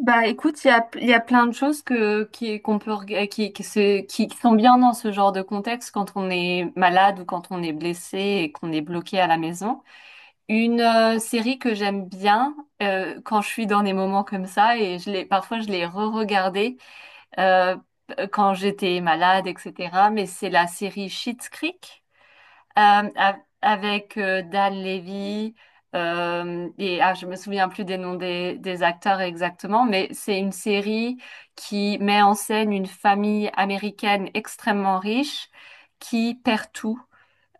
Bah écoute, il y a plein de choses qu'on peut, qui sont bien dans ce genre de contexte quand on est malade ou quand on est blessé et qu'on est bloqué à la maison. Une série que j'aime bien quand je suis dans des moments comme ça et je l'ai re-regardée euh, quand j'étais malade, etc. Mais c'est la série Schitt's Creek. Euh, avec Dan Levy et je me souviens plus des noms des acteurs exactement, mais c'est une série qui met en scène une famille américaine extrêmement riche qui perd tout.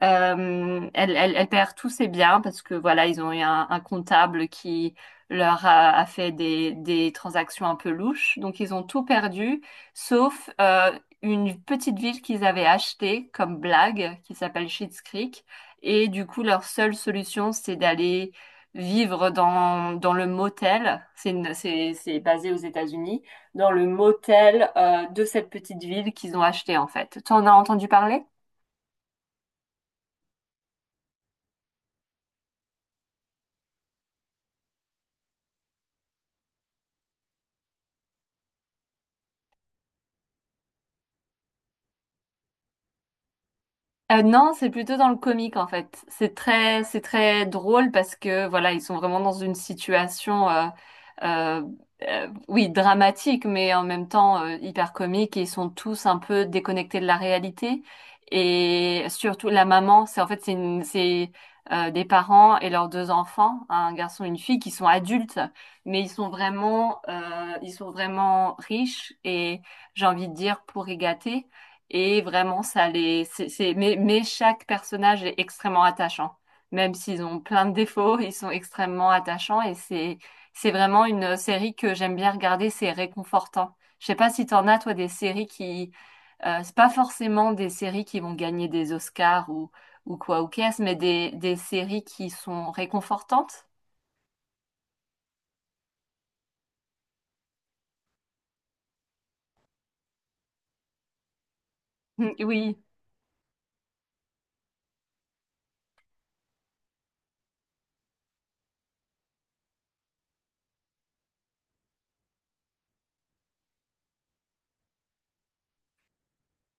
Elle perd tous ses biens parce que voilà, ils ont eu un comptable qui leur a fait des transactions un peu louches. Donc ils ont tout perdu, sauf une petite ville qu'ils avaient achetée comme blague, qui s'appelle Schitt's Creek. Et du coup, leur seule solution, c'est d'aller vivre dans le motel. C'est basé aux États-Unis, dans le motel de cette petite ville qu'ils ont achetée en fait. T'en as entendu parler? Non, c'est plutôt dans le comique en fait. C'est très drôle parce que voilà, ils sont vraiment dans une situation, euh, oui, dramatique, mais en même temps hyper comique. Et ils sont tous un peu déconnectés de la réalité. Et surtout la maman, c'est en fait c'est une- c'est des parents et leurs deux enfants, un garçon et une fille, qui sont adultes, mais ils sont vraiment riches et j'ai envie de dire pourri gâtés. Et vraiment, ça les, c'est- mais chaque personnage est extrêmement attachant. Même s'ils ont plein de défauts, ils sont extrêmement attachants c'est vraiment une série que j'aime bien regarder, c'est réconfortant. Je sais pas si t'en as, toi, des séries c'est pas forcément des séries qui vont gagner des Oscars ou quoi ou qu'est-ce, mais des séries qui sont réconfortantes. Oui.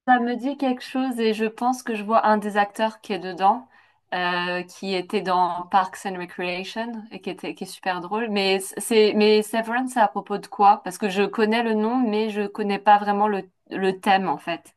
Ça me dit quelque chose et je pense que je vois un des acteurs qui est dedans, qui était dans Parks and Recreation et qui est super drôle. Mais Severance, c'est à propos de quoi? Parce que je connais le nom, mais je connais pas vraiment le thème en fait.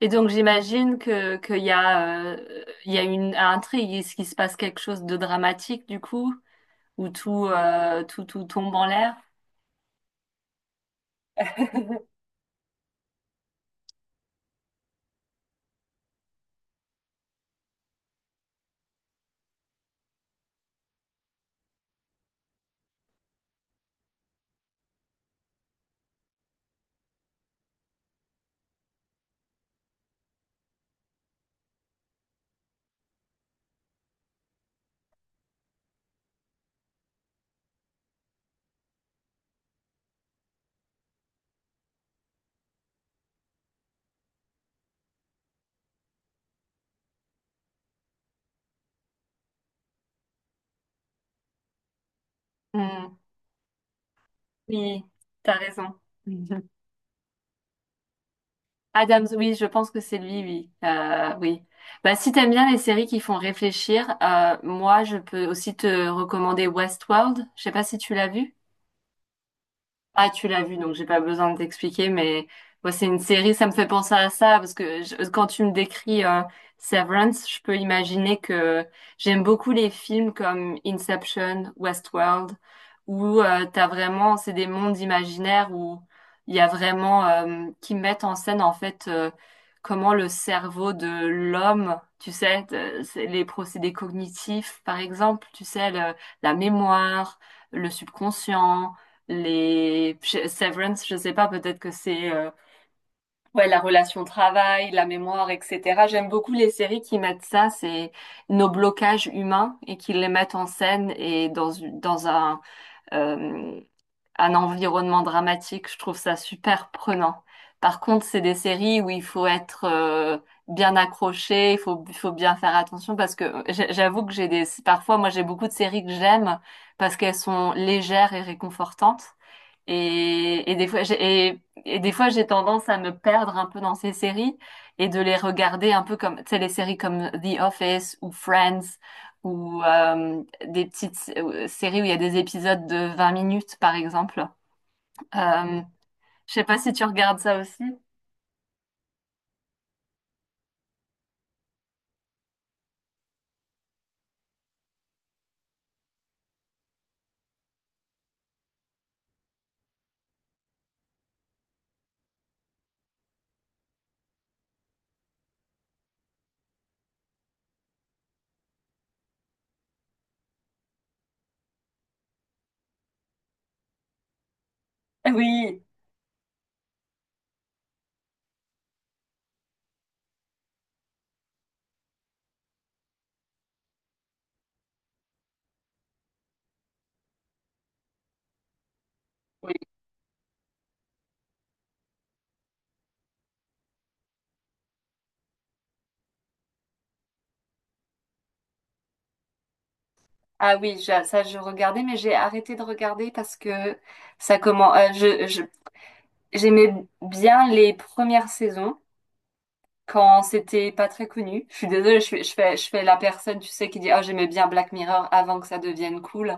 Et donc j'imagine que qu'il y a, il y a une intrigue, est-ce qu'il se passe quelque chose de dramatique du coup, où tout tombe en l'air? Hmm. Oui, t'as raison. Adams, oui, je pense que c'est lui, oui. Oui. Bah, si t'aimes bien les séries qui font réfléchir, moi, je peux aussi te recommander Westworld. Je sais pas si tu l'as vu. Ah, tu l'as vu, donc j'ai pas besoin de t'expliquer, mais moi c'est une série, ça me fait penser à ça, parce que quand tu me décris Severance, je peux imaginer que j'aime beaucoup les films comme Inception, Westworld, où t'as vraiment, c'est des mondes imaginaires où il y a vraiment, qui mettent en scène en fait comment le cerveau de l'homme, tu sais, c'est les procédés cognitifs, par exemple, tu sais, la mémoire, le subconscient, Severance, je sais pas, peut-être que c'est ouais la relation travail, la mémoire, etc. J'aime beaucoup les séries qui mettent ça, c'est nos blocages humains et qui les mettent en scène et dans dans euh, un environnement dramatique. Je trouve ça super prenant. Par contre, c'est des séries où il faut être bien accroché, il faut bien faire attention parce que j'avoue que j'ai des parfois moi j'ai beaucoup de séries que j'aime parce qu'elles sont légères et réconfortantes. Et des fois, et des fois, j'ai tendance à me perdre un peu dans ces séries et de les regarder un peu comme, tu sais, les séries comme The Office ou Friends ou séries où il y a des épisodes de 20 minutes, par exemple. Euh, je sais pas si tu regardes ça aussi. Oui. Oui. Ah oui, ça je regardais, mais j'ai arrêté de regarder parce que ça comment, je- j'aimais bien les premières saisons, quand c'était pas très connu. Je suis désolée, je fais la personne, tu sais, qui dit, oh, j'aimais bien Black Mirror avant que ça devienne cool.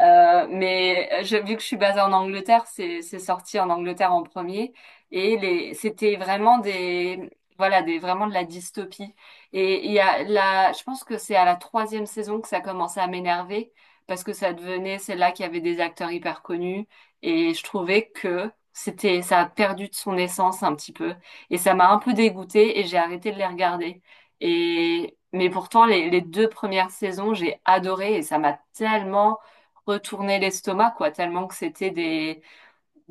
Vu que je suis basée en Angleterre, c'est sorti en Angleterre en premier et les c'était vraiment des, voilà, des, vraiment de la dystopie. Et il y a la je pense que c'est à la troisième saison que ça commençait à m'énerver parce que ça devenait celle-là qui avait des acteurs hyper connus et je trouvais que c'était ça a perdu de son essence un petit peu et ça m'a un peu dégoûtée et j'ai arrêté de les regarder. Et mais pourtant les deux premières saisons j'ai adoré et ça m'a tellement retourner l'estomac, quoi, tellement que c'était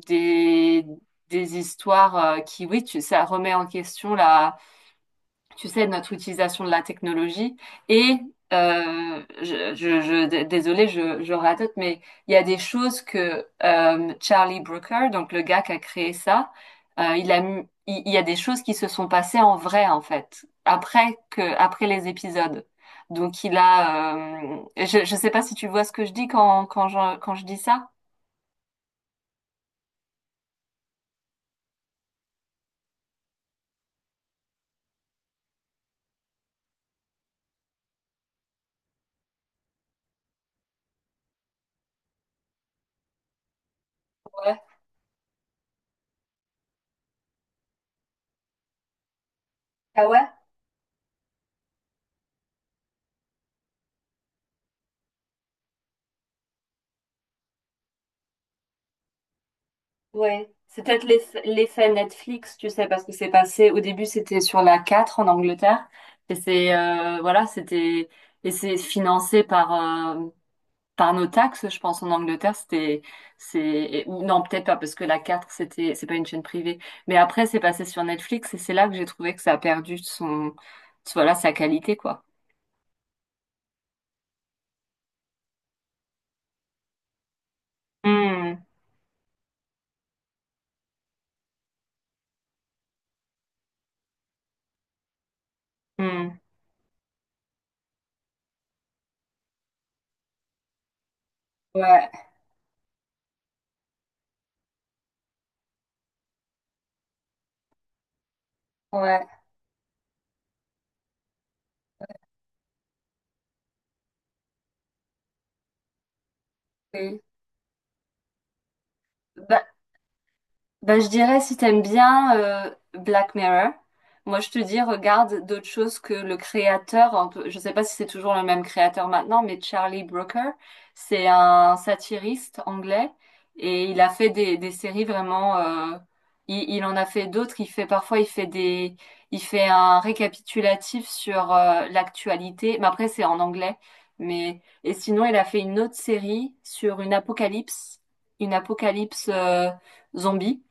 des, des histoires qui, oui, ça remet en question la, tu sais, notre utilisation de la technologie. Et désolée, je radote, mais il y a des choses que Charlie Brooker, donc le gars qui a créé ça, il y a des choses qui se sont passées en vrai, en fait, après les épisodes. Donc je sais pas si tu vois ce que je dis quand je dis ça. Ouais. Ah ouais? Ouais, c'est peut-être l'effet Netflix, tu sais, parce que c'est passé, au début c'était sur la 4 en Angleterre, et c'est, euh, voilà, c'était, et c'est financé par, par nos taxes, je pense, en Angleterre, ou non, peut-être pas, parce que c'est pas une chaîne privée, mais après c'est passé sur Netflix, et c'est là que j'ai trouvé que ça a perdu son, voilà, sa qualité, quoi. Hmm, hmm. Ouais, ouais, oui. Bah, Bah, je dirais, si t'aimes bien Black Mirror, moi je te dis, regarde d'autres choses que le créateur, je sais pas si c'est toujours le même créateur maintenant, mais Charlie Brooker, c'est un satiriste anglais et il a fait des séries vraiment, il en a fait d'autres, il fait il fait un récapitulatif sur l'actualité, mais après c'est en anglais, mais, et sinon il a fait une autre série sur une apocalypse zombie.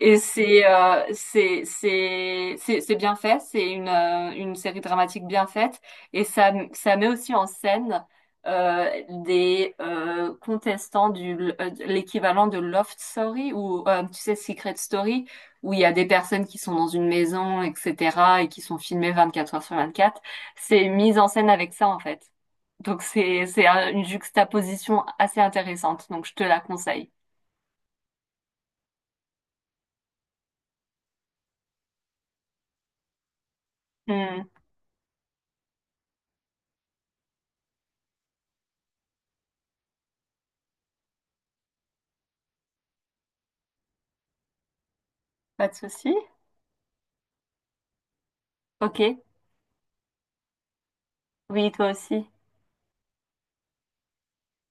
Et c'est bien fait, c'est une série dramatique bien faite et ça met aussi en scène euh, des contestants du l'équivalent de Loft Story ou tu sais Secret Story où il y a des personnes qui sont dans une maison, etc. et qui sont filmées 24 heures sur 24. C'est mis en scène avec ça en fait. Donc une juxtaposition assez intéressante. Donc je te la conseille. Hmm, pas de souci. Ok. Oui, toi aussi.